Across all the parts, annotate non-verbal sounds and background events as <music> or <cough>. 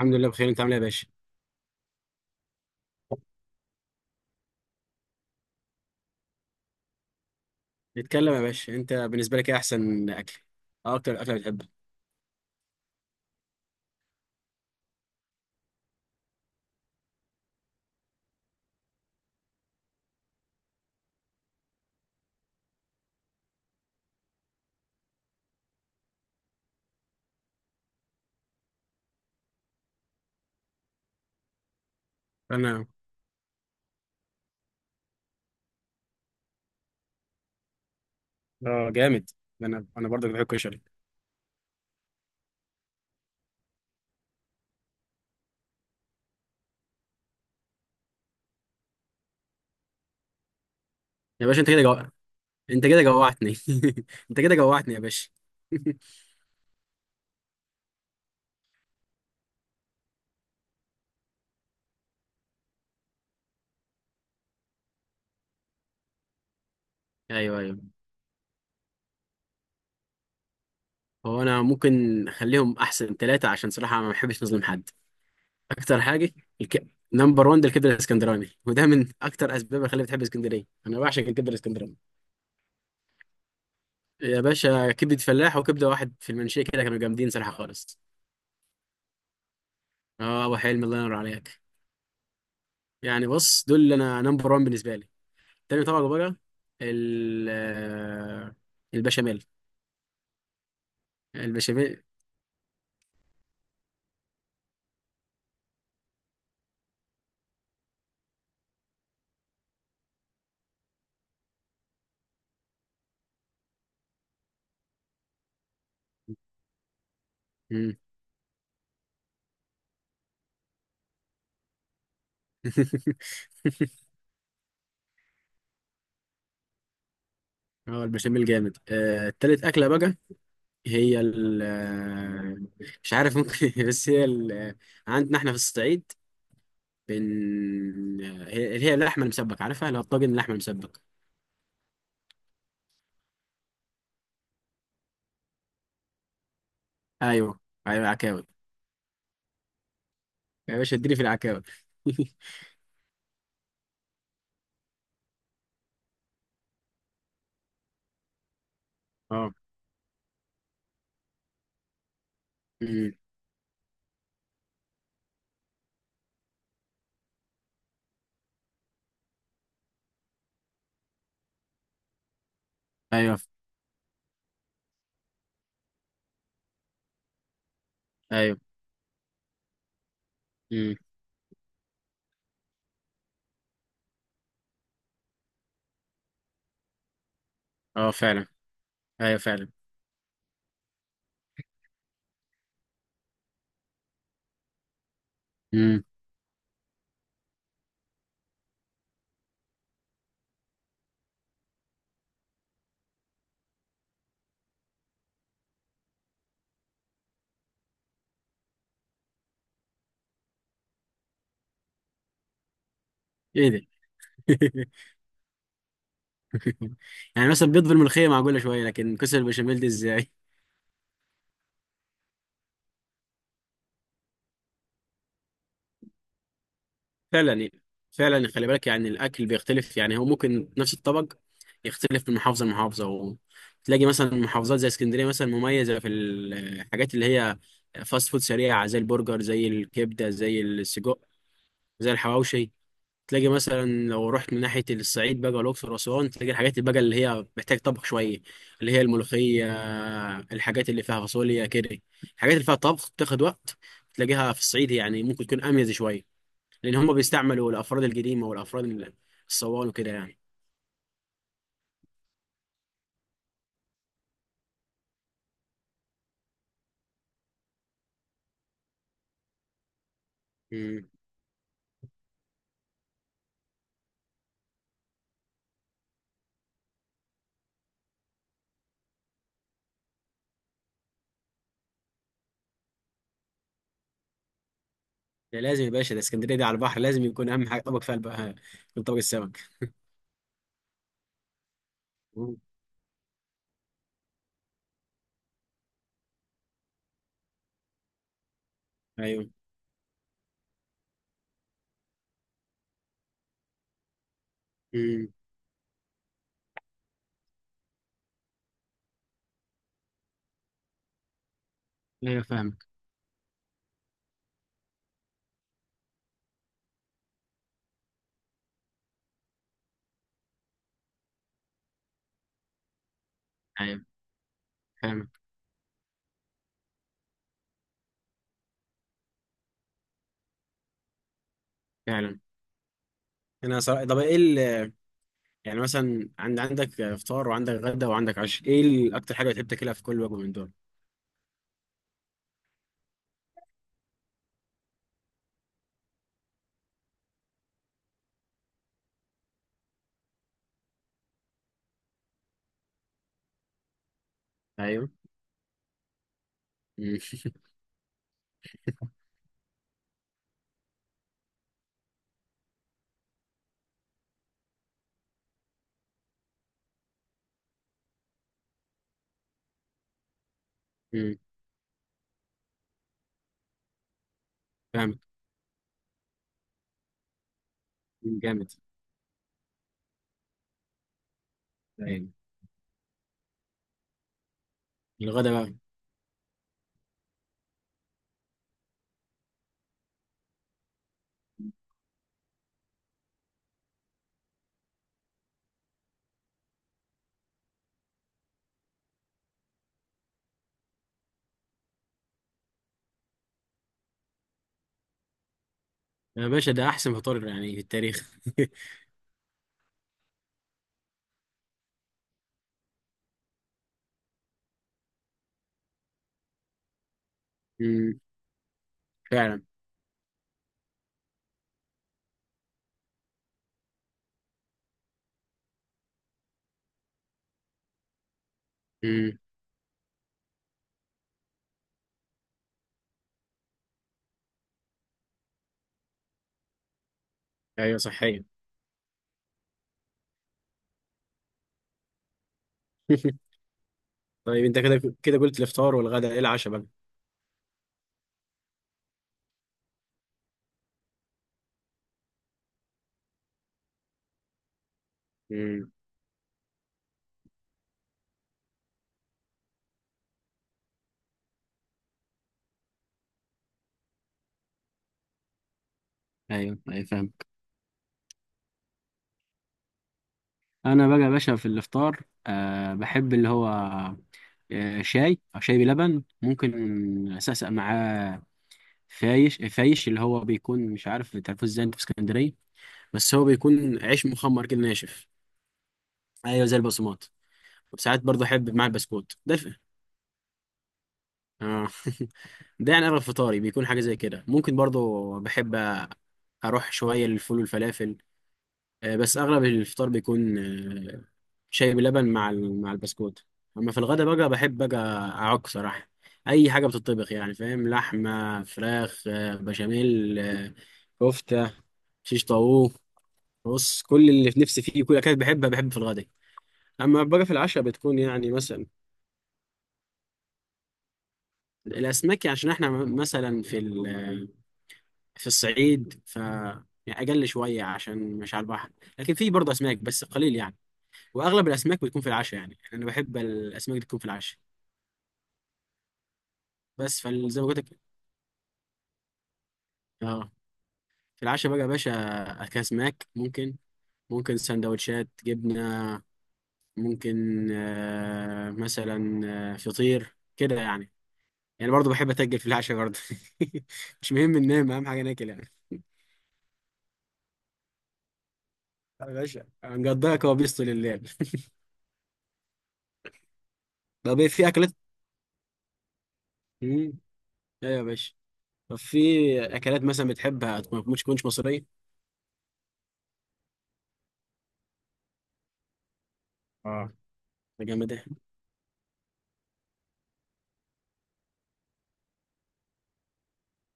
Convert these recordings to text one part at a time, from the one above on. الحمد لله بخير، انت عامل ايه يا باشا؟ نتكلم يا باشا. انت بالنسبه لك ايه احسن اكل؟ اه اكتر اكله بتحبها؟ انا اه جامد. انا برضه بحب الكشري. يا باشا انت كده انت كده جوعتني. <laughs> انت كده جوعتني يا باشا. <laughs> ايوه ايوه. هو انا ممكن اخليهم احسن ثلاثه، عشان صراحه ما بحبش نظلم حد. اكتر حاجه نمبر 1 ده الكبده الاسكندراني، وده من اكتر اسباب اللي خلاني بتحب اسكندريه، انا بعشق الكبده الاسكندراني. يا باشا كبده فلاح وكبده واحد في المنشيه كده، كانوا جامدين صراحه خالص. اه ابو حلمي، الله ينور عليك. يعني بص، دول اللي انا نمبر 1 بالنسبه لي. تاني طبعا بقى ال آه، البشاميل. البشاميل مم. <laughs> اه البشاميل جامد. التالت اكله بقى هي ال آه، مش عارف، ممكن <laughs> بس هي ال آه، عندنا احنا في الصعيد بن آه، هي اللي هي اللحمه المسبك، عارفها؟ اللي هو الطاجن اللحمه المسبك. ايوه ايوه عكاوي. يا باشا اديني في العكاوي. <laughs> اه. مم. ايوه ايوه. مم. اه فعلا. ايوه فعلا. مم. ايه ده؟ <laughs> يعني مثلا بيض بالملوخيه معقوله شويه، لكن كسر البشاميل دي ازاي؟ فعلا يعني- فعلا خلي بالك، يعني الاكل بيختلف، يعني هو ممكن نفس الطبق يختلف من محافظه لمحافظه. وتلاقي مثلا محافظات زي اسكندريه مثلا مميزه في الحاجات اللي هي فاست فود سريعه، زي البرجر زي الكبده زي السجق زي الحواوشي. تلاقي مثلا لو رحت من ناحية الصعيد بقى والأقصر وأسوان، تلاقي الحاجات اللي بقى اللي هي محتاج طبخ شوية، اللي هي الملوخية، الحاجات اللي فيها فاصوليا كده، الحاجات اللي فيها طبخ بتاخد وقت. تلاقيها في الصعيد، يعني ممكن تكون أميز شوية، لأن هم بيستعملوا الأفراد القديمة والأفراد الصوان وكده يعني. مم. ده لازم يا باشا، ده اسكندرية دي على البحر، لازم يكون أهم حاجة طبق فيها بقى يكون طبق السمك. مم. أيوه. مم. أيوه فاهمك. أيوه فاهمك. فعلا. أنا صراحة، يعني مثلا عندك فطار وعندك غدا وعندك عشاء، ايه اكتر حاجه بتحب تاكلها في كل وجبه من دول؟ ايوه. مم. مم. فاهمك. مم. جامد. ايوه. الغدا بقى. يا باشا ده احسن فطار يعني في التاريخ. <laughs> مم. فعلا. مم. ايوه صحيا. <laughs> طيب انت كده كده قلت الافطار والغدا، ايه العشاء بقى؟ مم. ايوه ايوه فاهم. انا بقى يا باشا في الافطار أه بحب اللي هو شاي او شاي بلبن، ممكن اسقسق معاه فايش اللي هو بيكون، مش عارف تعرفوه ازاي انت في اسكندريه، بس هو بيكون عيش مخمر كده ناشف. ايوه زي البقسماط. وساعات برضه احب مع البسكوت ده آه. <laughs> ده يعني اغلب فطاري بيكون حاجه زي كده. ممكن برضه بحب اروح شويه للفول والفلافل، بس اغلب الفطار بيكون شاي بلبن مع مع البسكوت. اما في الغدا بقى بحب بقى اعك صراحه اي حاجه بتطبخ، يعني فاهم، لحمه، فراخ، بشاميل، كفته، شيش طاووق. بص كل اللي في نفسي فيه كل اكلات بحبها بحب في الغداء. اما باجي في العشاء بتكون يعني مثلا الاسماك. يعني عشان احنا مثلا في في الصعيد ف يعني اقل شويه عشان مش على البحر. لكن في برضه اسماك بس قليل يعني، واغلب الاسماك بتكون في العشاء. يعني يعني انا بحب الاسماك اللي تكون في العشاء. بس فزي ما قلت لك، اه في العشاء بقى يا باشا اكل اسماك، ممكن ممكن سندوتشات جبنه، ممكن آه مثلا فطير كده يعني. يعني برضه بحب اتاجل في العشاء برضه. <laughs> مش مهم ننام، اهم حاجه ناكل يعني. يا باشا هنقضيها كوابيس طول الليل. <laughs> طب إيه، في اكلات؟ امم ايوه يا باشا. طب في اكلات مثلا بتحبها ما تكونش مصريه؟ اه ده جامد ده.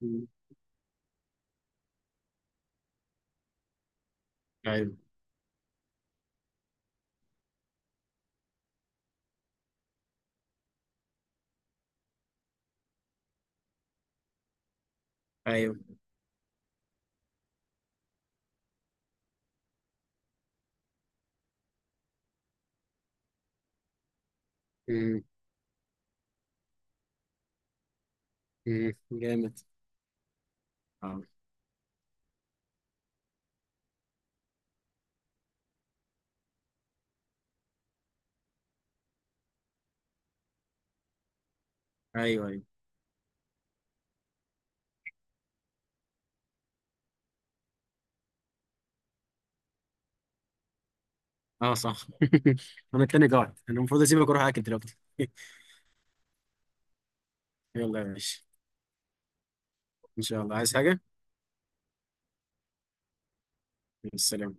مم. ايوه ايوه. مم. مم. جامد. اه. ايوه ايوه. اه صح. <laughs> انا التاني قاعد، انا المفروض اسيبك واروح اكل دلوقتي. <laughs> يلا يا باشا، ان شاء الله. عايز حاجه؟ السلام.